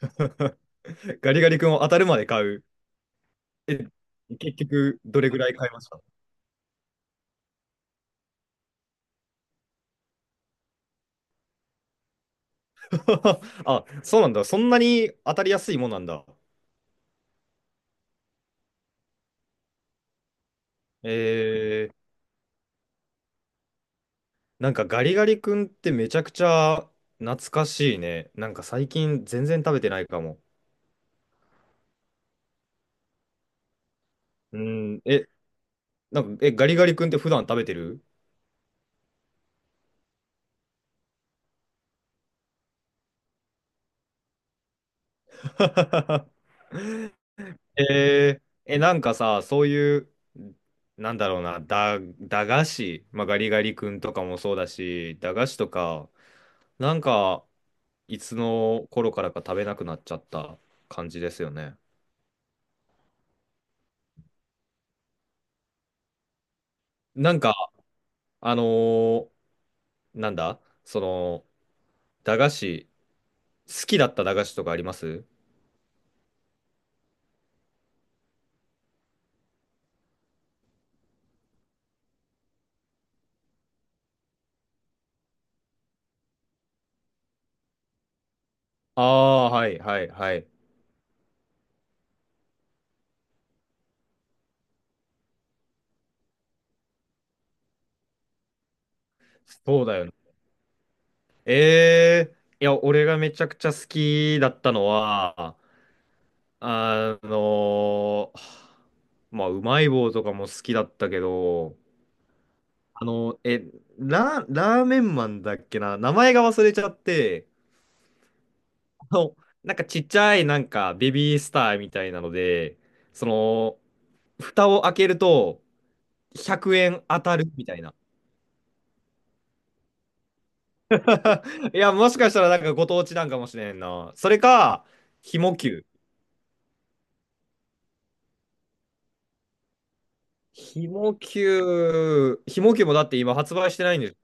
ガリガリ君を当たるまで買う。え、結局、どれぐらい買いました？ あ、そうなんだ。そんなに当たりやすいもんなんだ。えー、なんかガリガリ君ってめちゃくちゃ懐かしいね。なんか最近全然食べてないかも。うん、なんか、ガリガリ君って普段食べてる？ なんかさ、そういう、なんだろうな、駄菓子、まあ、ガリガリ君とかもそうだし、駄菓子とか、なんか、いつの頃からか食べなくなっちゃった感じですよね。なんか、あのーなんだその、駄菓子、好きだった駄菓子とかあります？ああー、はいはいはい。そうだよね。えいや、俺がめちゃくちゃ好きだったのは、あのーまあ、うまい棒とかも好きだったけど、あの、え、ラーメンマンだっけな、名前が忘れちゃって、のなんかちっちゃいなんかベビースターみたいなので、その、蓋を開けると100円当たるみたいな。いや、もしかしたらなんかご当地なんかもしれんな。それか、ひも球。ひも球もだって今発売してないんです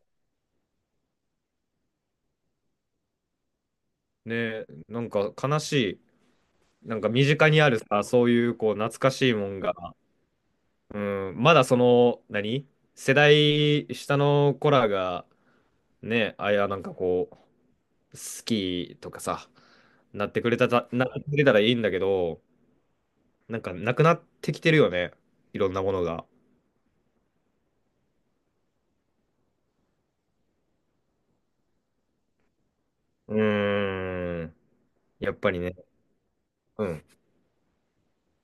ね。なんか悲しい。なんか身近にあるさ、そういうこう懐かしいもんが、うん、まだその、何世代下の子らがね、なんか好きとかさ、なってくれたらいいんだけど、なんかなくなってきてるよね。いろんなものが。うーん。やっぱりね。うん。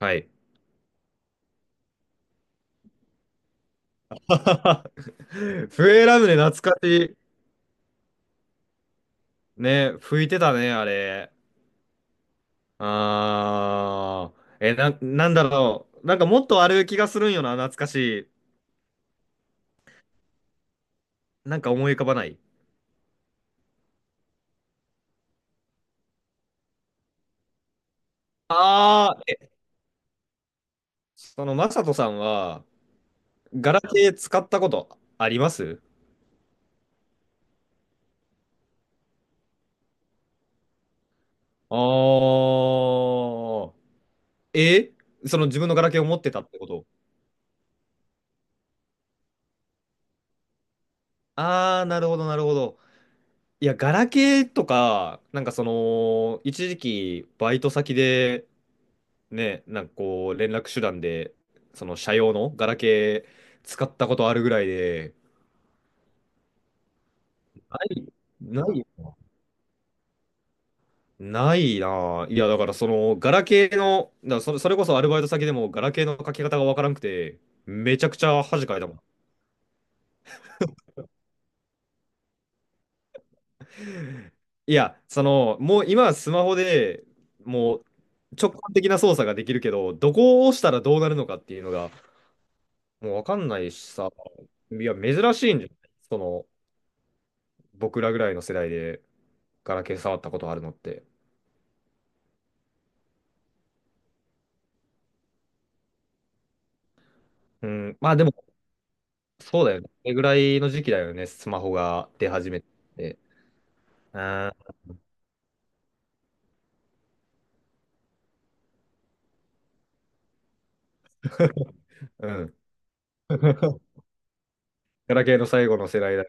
はい。笛ラムネ懐かしい。ね、吹いてたね、あれ。あー。なんだろう。なんかもっとある気がするんよな、懐かしい。なんか思い浮かばない。あー。その、マサトさんは、ガラケー使ったことあります？ああ。えその自分のガラケーを持ってたってこと？ああー、なるほど、なるほど。いや、ガラケーとか、なんかその、一時期、バイト先で、ね、なんかこう、連絡手段で、その、社用のガラケー使ったことあるぐらいで、なないよな。ないなあ。いや、だからその、ガラケーの、だからそれこそアルバイト先でも、ガラケーの書き方がわからんくて、めちゃくちゃ恥かいたもん。いや、その、もう今はスマホでもう直感的な操作ができるけど、どこを押したらどうなるのかっていうのがもうわかんないしさ、いや、珍しいんじゃない？その、僕らぐらいの世代でガラケー触ったことあるのって。うん、まあでも、そうだよね。それぐらいの時期だよね、スマホが出始めて。うん、うん。ガラケーの最後の世代だ。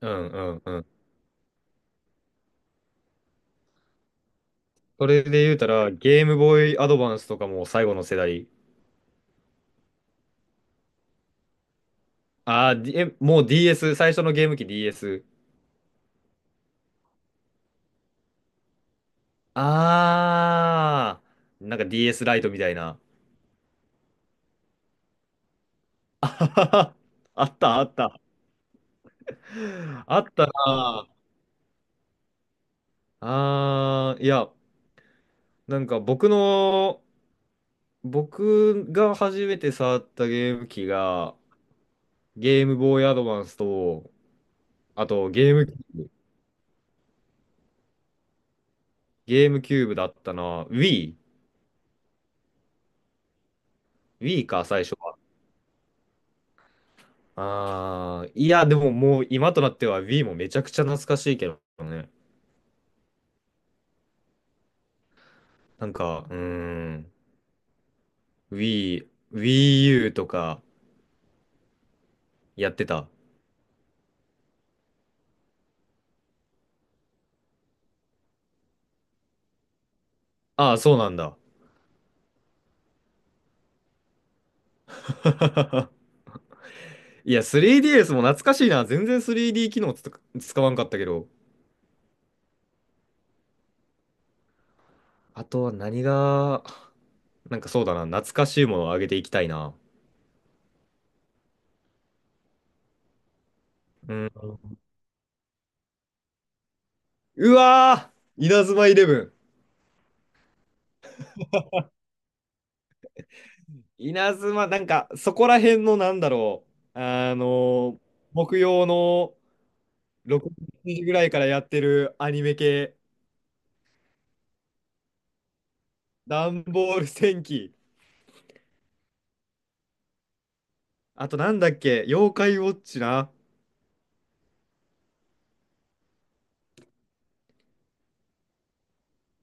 うん、うん、うん。それで言うたら、ゲームボーイアドバンスとかも最後の世代？ああ、もう DS、最初のゲーム機 DS。ああ、なんか DS ライトみたいな。あったあった。あったな。ああ、いや、なんか僕が初めて触ったゲーム機が、ゲームボーイアドバンスと、あとブ、ゲームキューブだったな。Wii か、最初は。ああ、いや、でももう今となっては Wii もめちゃくちゃ懐かしいけどね。なんか、うーん、Wii、Wii U とかやってた。ああ、そうなんだ。いや、3DS も懐かしいな。全然 3D 機能使わんかったけど。あとは何が、なんかそうだな。懐かしいものをあげていきたいな。うん。うわー稲妻イレブン。なんか、そこら辺のなんだろう。ー木曜の6時ぐらいからやってるアニメ系、ダンボール戦記。あとなんだっけ、妖怪ウォッチな。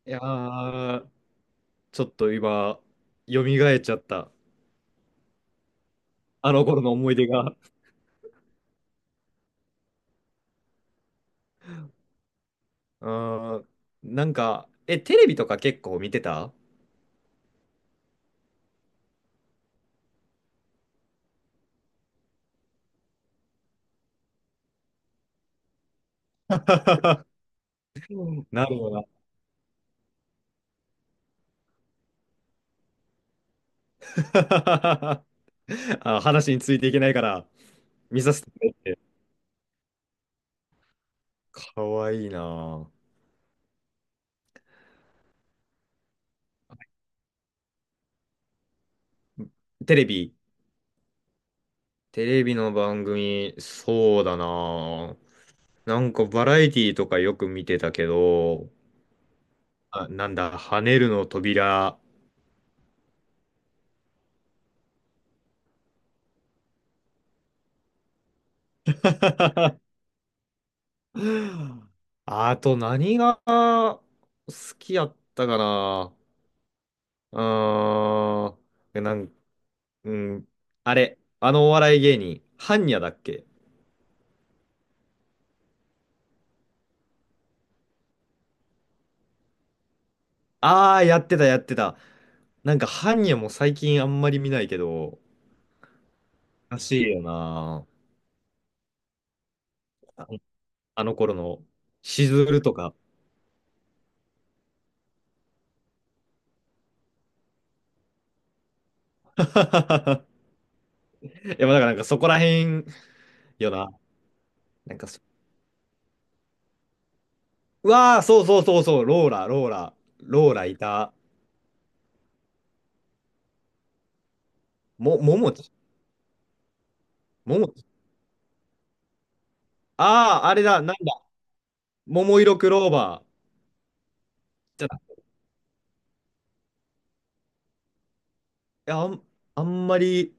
いやー、ちょっと今、蘇っちゃった。あの頃の思い出が。うーん、なんか、テレビとか結構見てた？ うんなるほどな。あ、話についていけないから、見させてくれって。かわいいなあ。テレビ。テレビの番組、そうだなあ。なんかバラエティとかよく見てたけど、あ、なんだ、跳ねるの扉。あと何が好きやったかな。うーん。うん。あれ、あのお笑い芸人、ハンニャだっけ？ああー、やってた、やってた。なんか、ハンニャも最近あんまり見ないけど、らしいよな。あの頃の、しずるとか。いや、まあだからなんかそこらへんよな。なんかそ、うわあ、そうそうそうそう、ローラ、ローラ、ローラいた。ももち、ももち。ああ、あれだ、なんだ。桃色クローバー。じゃ、いやあんまり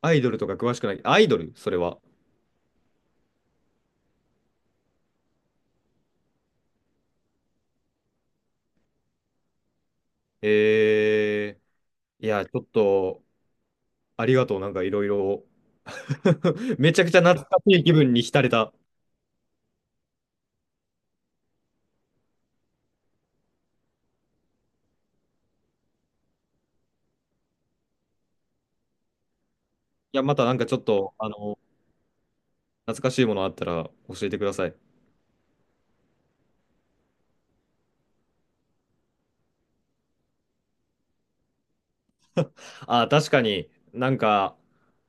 アイドルとか詳しくない。アイドルそれは。えいや、ちょっと、ありがとう。なんかいろいろ。めちゃくちゃ懐かしい気分に浸れた。いや、またなんかちょっと、あの、懐かしいものあったら教えてください。あ、確かになんか、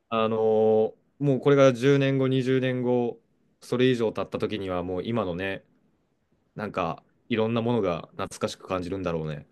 もうこれが10年後、20年後、それ以上経った時にはもう今のね、なんかいろんなものが懐かしく感じるんだろうね。